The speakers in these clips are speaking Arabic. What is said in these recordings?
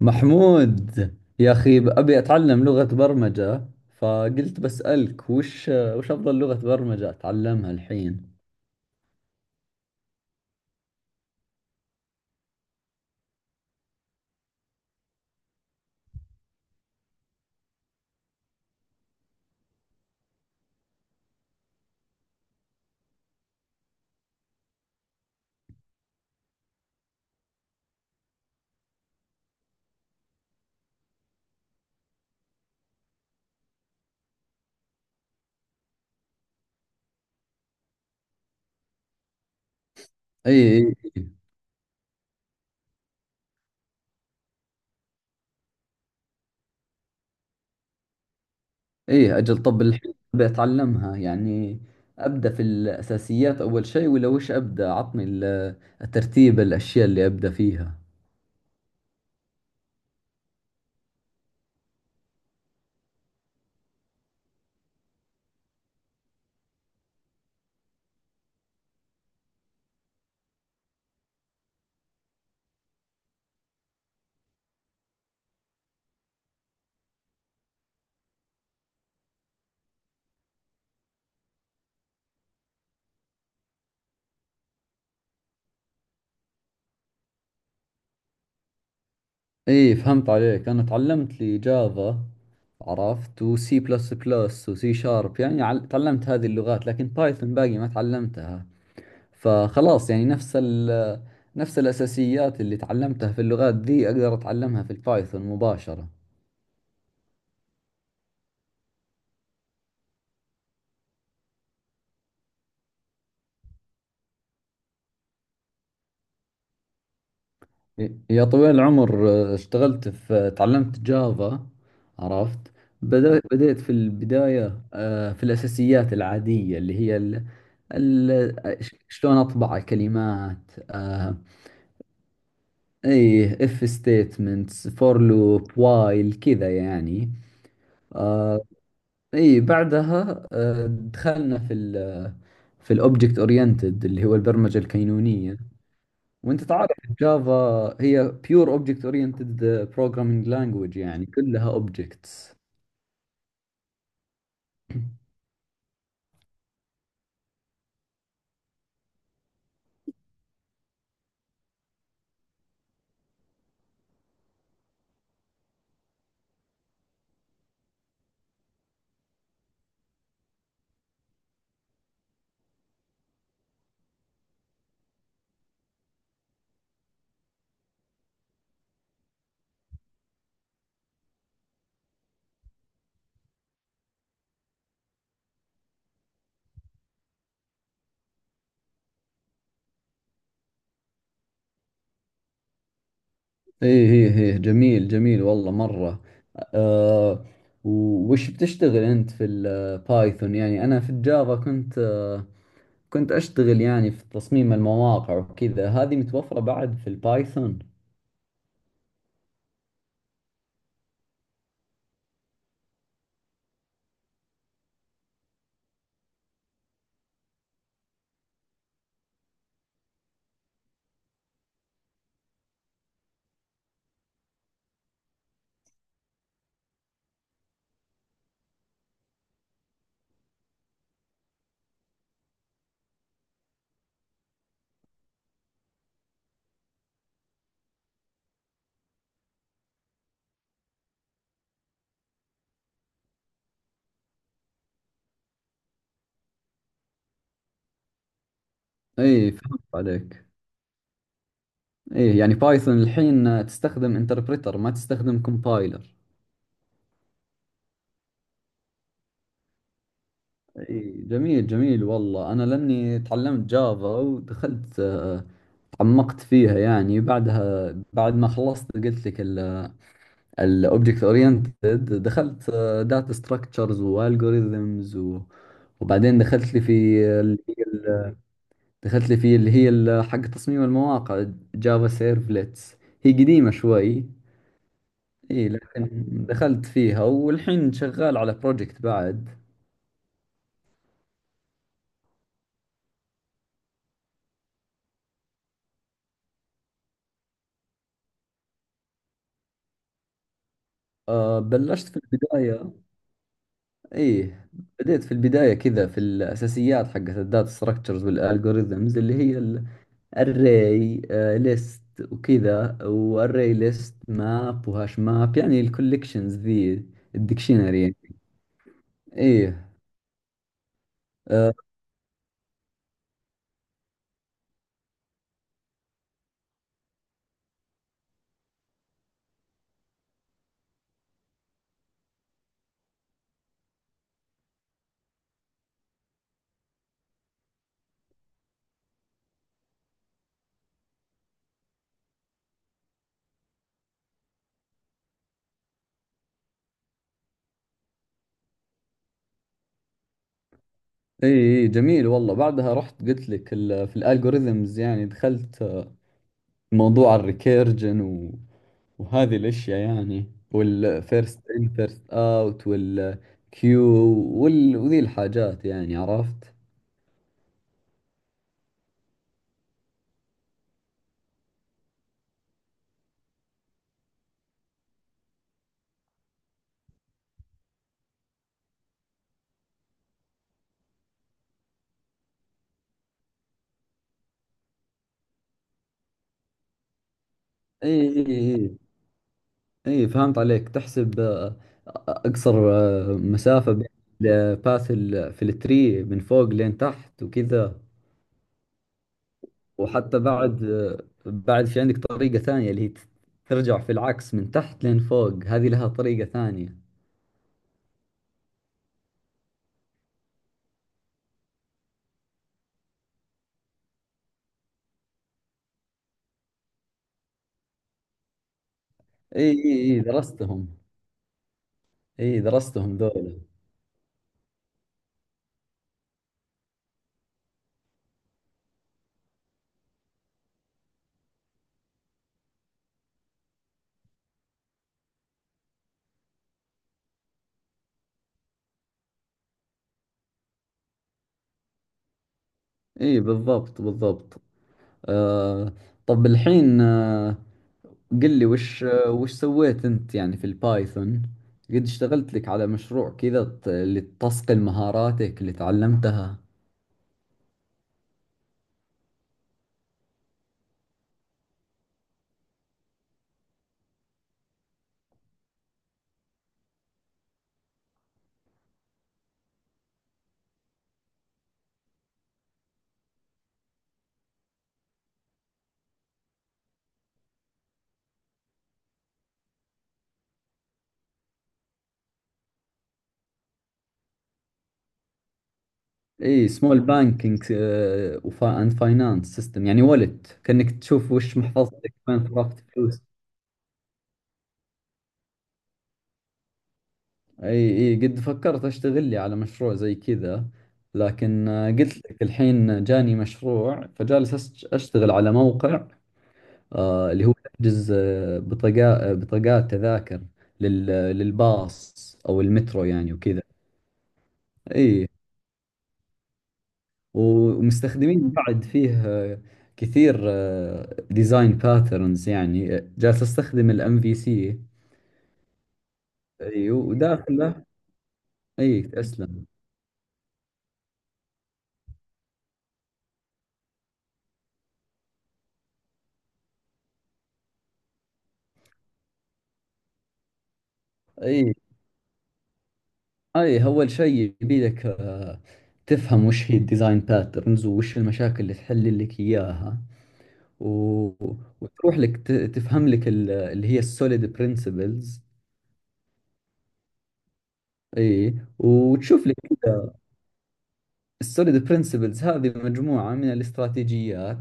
محمود، يا أخي أبي أتعلم لغة برمجة، فقلت بسألك وش أفضل لغة برمجة أتعلمها الحين؟ إي إي إي إي، أجل. طب الحين أبي أتعلمها يعني، أبدأ في الأساسيات أول شيء؟ ولا وش أبدأ؟ عطني الترتيب، الأشياء اللي أبدأ فيها. إي، فهمت عليك. أنا تعلمت لي جافا، عرفت، وسي بلس بلس وسي شارب، يعني تعلمت هذه اللغات، لكن بايثون باقي ما تعلمتها. فخلاص يعني نفس الأساسيات اللي تعلمتها في اللغات ذي أقدر أتعلمها في البايثون مباشرة. يا طويل العمر، اشتغلت في تعلمت جافا، عرفت. بديت في البداية، في الأساسيات العادية اللي هي شلون أطبع الكلمات، إيه، if statements for loop while، كذا يعني. آه، اي، بعدها دخلنا في ال آه، في الاوبجكت اورينتد اللي هو البرمجه الكينونيه. وانت تعرف الجافا هي بيور اوبجكت اورينتد بروجرامينج لانجويج، يعني كلها اوبجكتس. اي، هي جميل، جميل والله، مره. أه، وش بتشتغل انت في البايثون؟ يعني انا في الجافا كنت، اشتغل يعني في تصميم المواقع وكذا. هذه متوفره بعد في البايثون؟ اي، فهمت عليك. ايه، يعني بايثون الحين تستخدم انتربريتر، ما تستخدم كومبايلر. ايه، جميل جميل والله. انا لاني تعلمت جافا ودخلت، تعمقت فيها يعني. بعدها بعد ما خلصت قلت لك الاوبجكت اورينتد، دخلت داتا ستراكشرز والجوريزمز، وبعدين اللي هي ال- دخلت لي في اللي هي حق تصميم المواقع، جافا سيرفلتس، هي قديمة شوي. اي لكن دخلت فيها، والحين شغال على بروجكت بعد. بلشت في البداية. اي، بديت في البداية كذا، في الأساسيات حقت الداتا ستراكشرز والالجوريزمز اللي هي الاري ليست وكذا، واري ليست، ماب، وهاش ماب، يعني الكوليكشنز ذي، الدكشنري. ايه. آه ايه، إيه، جميل والله. بعدها رحت قلت لك في الالجوريزمز، يعني دخلت موضوع الريكيرجن وهذه الأشياء يعني، والفيرست إن فيرست أوت والكيو، وذي الحاجات، يعني عرفت؟ اي اي اي، اي فهمت عليك. تحسب اقصر مسافة بين في التري من فوق لين تحت وكذا. وحتى بعد، في عندك طريقة ثانية اللي هي ترجع في العكس من تحت لين فوق، هذه لها طريقة ثانية. اي اي اي، درستهم. اي، درستهم ذولا. اي، بالضبط بالضبط. آه طب الحين، قل لي، وش سويت انت يعني في البايثون؟ قد اشتغلت لك على مشروع كذا اللي تصقل مهاراتك اللي تعلمتها. اي، سمول بانكينج اند فاينانس سيستم، يعني ولت كأنك تشوف وش محفظتك، وين صرفت فلوس. اي اي، قد فكرت اشتغل لي على مشروع زي كذا، لكن قلت لك الحين جاني مشروع، فجالس اشتغل على موقع، اللي هو تحجز بطاقات، تذاكر لل- للباص او المترو يعني وكذا. اي، ومستخدمين بعد فيه كثير. ديزاين باترنز، يعني جالس استخدم الام في سي. اي، وداخله. اي، اسلم. اي اي، اول شيء يبي لك تفهم وش هي الديزاين باترنز، وش المشاكل اللي تحل لك اياها، و... وتروح لك تفهم لك اللي هي السوليد برنسبلز. اي، وتشوف لك. السوليد برنسبلز هذه مجموعة من الاستراتيجيات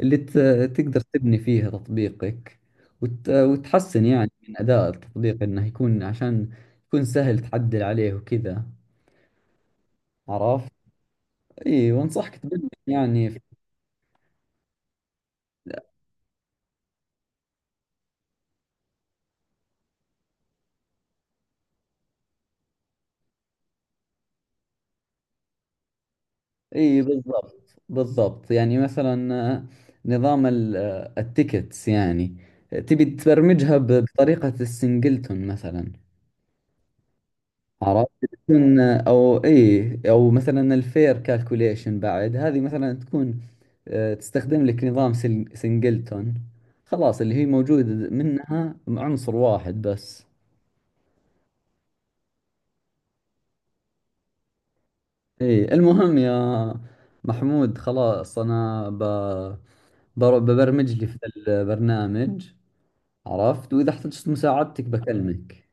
اللي تقدر تبني فيها تطبيقك، وتحسن يعني من أداء التطبيق، إنه يكون عشان يكون سهل تعدل عليه وكذا، عرفت؟ اي، وانصحك تبني يعني اي، بالضبط بالضبط. يعني مثلا نظام التيكتس، يعني تبي تبرمجها بطريقة السنجلتون مثلا، عرفت، تكون. او اي او مثلا الفير كالكوليشن بعد، هذه مثلا تكون تستخدم لك نظام سنجلتون، خلاص، اللي هي موجود منها عنصر واحد بس. اي، المهم يا محمود، خلاص انا ببرمج لي في البرنامج، عرفت، واذا احتجت مساعدتك بكلمك.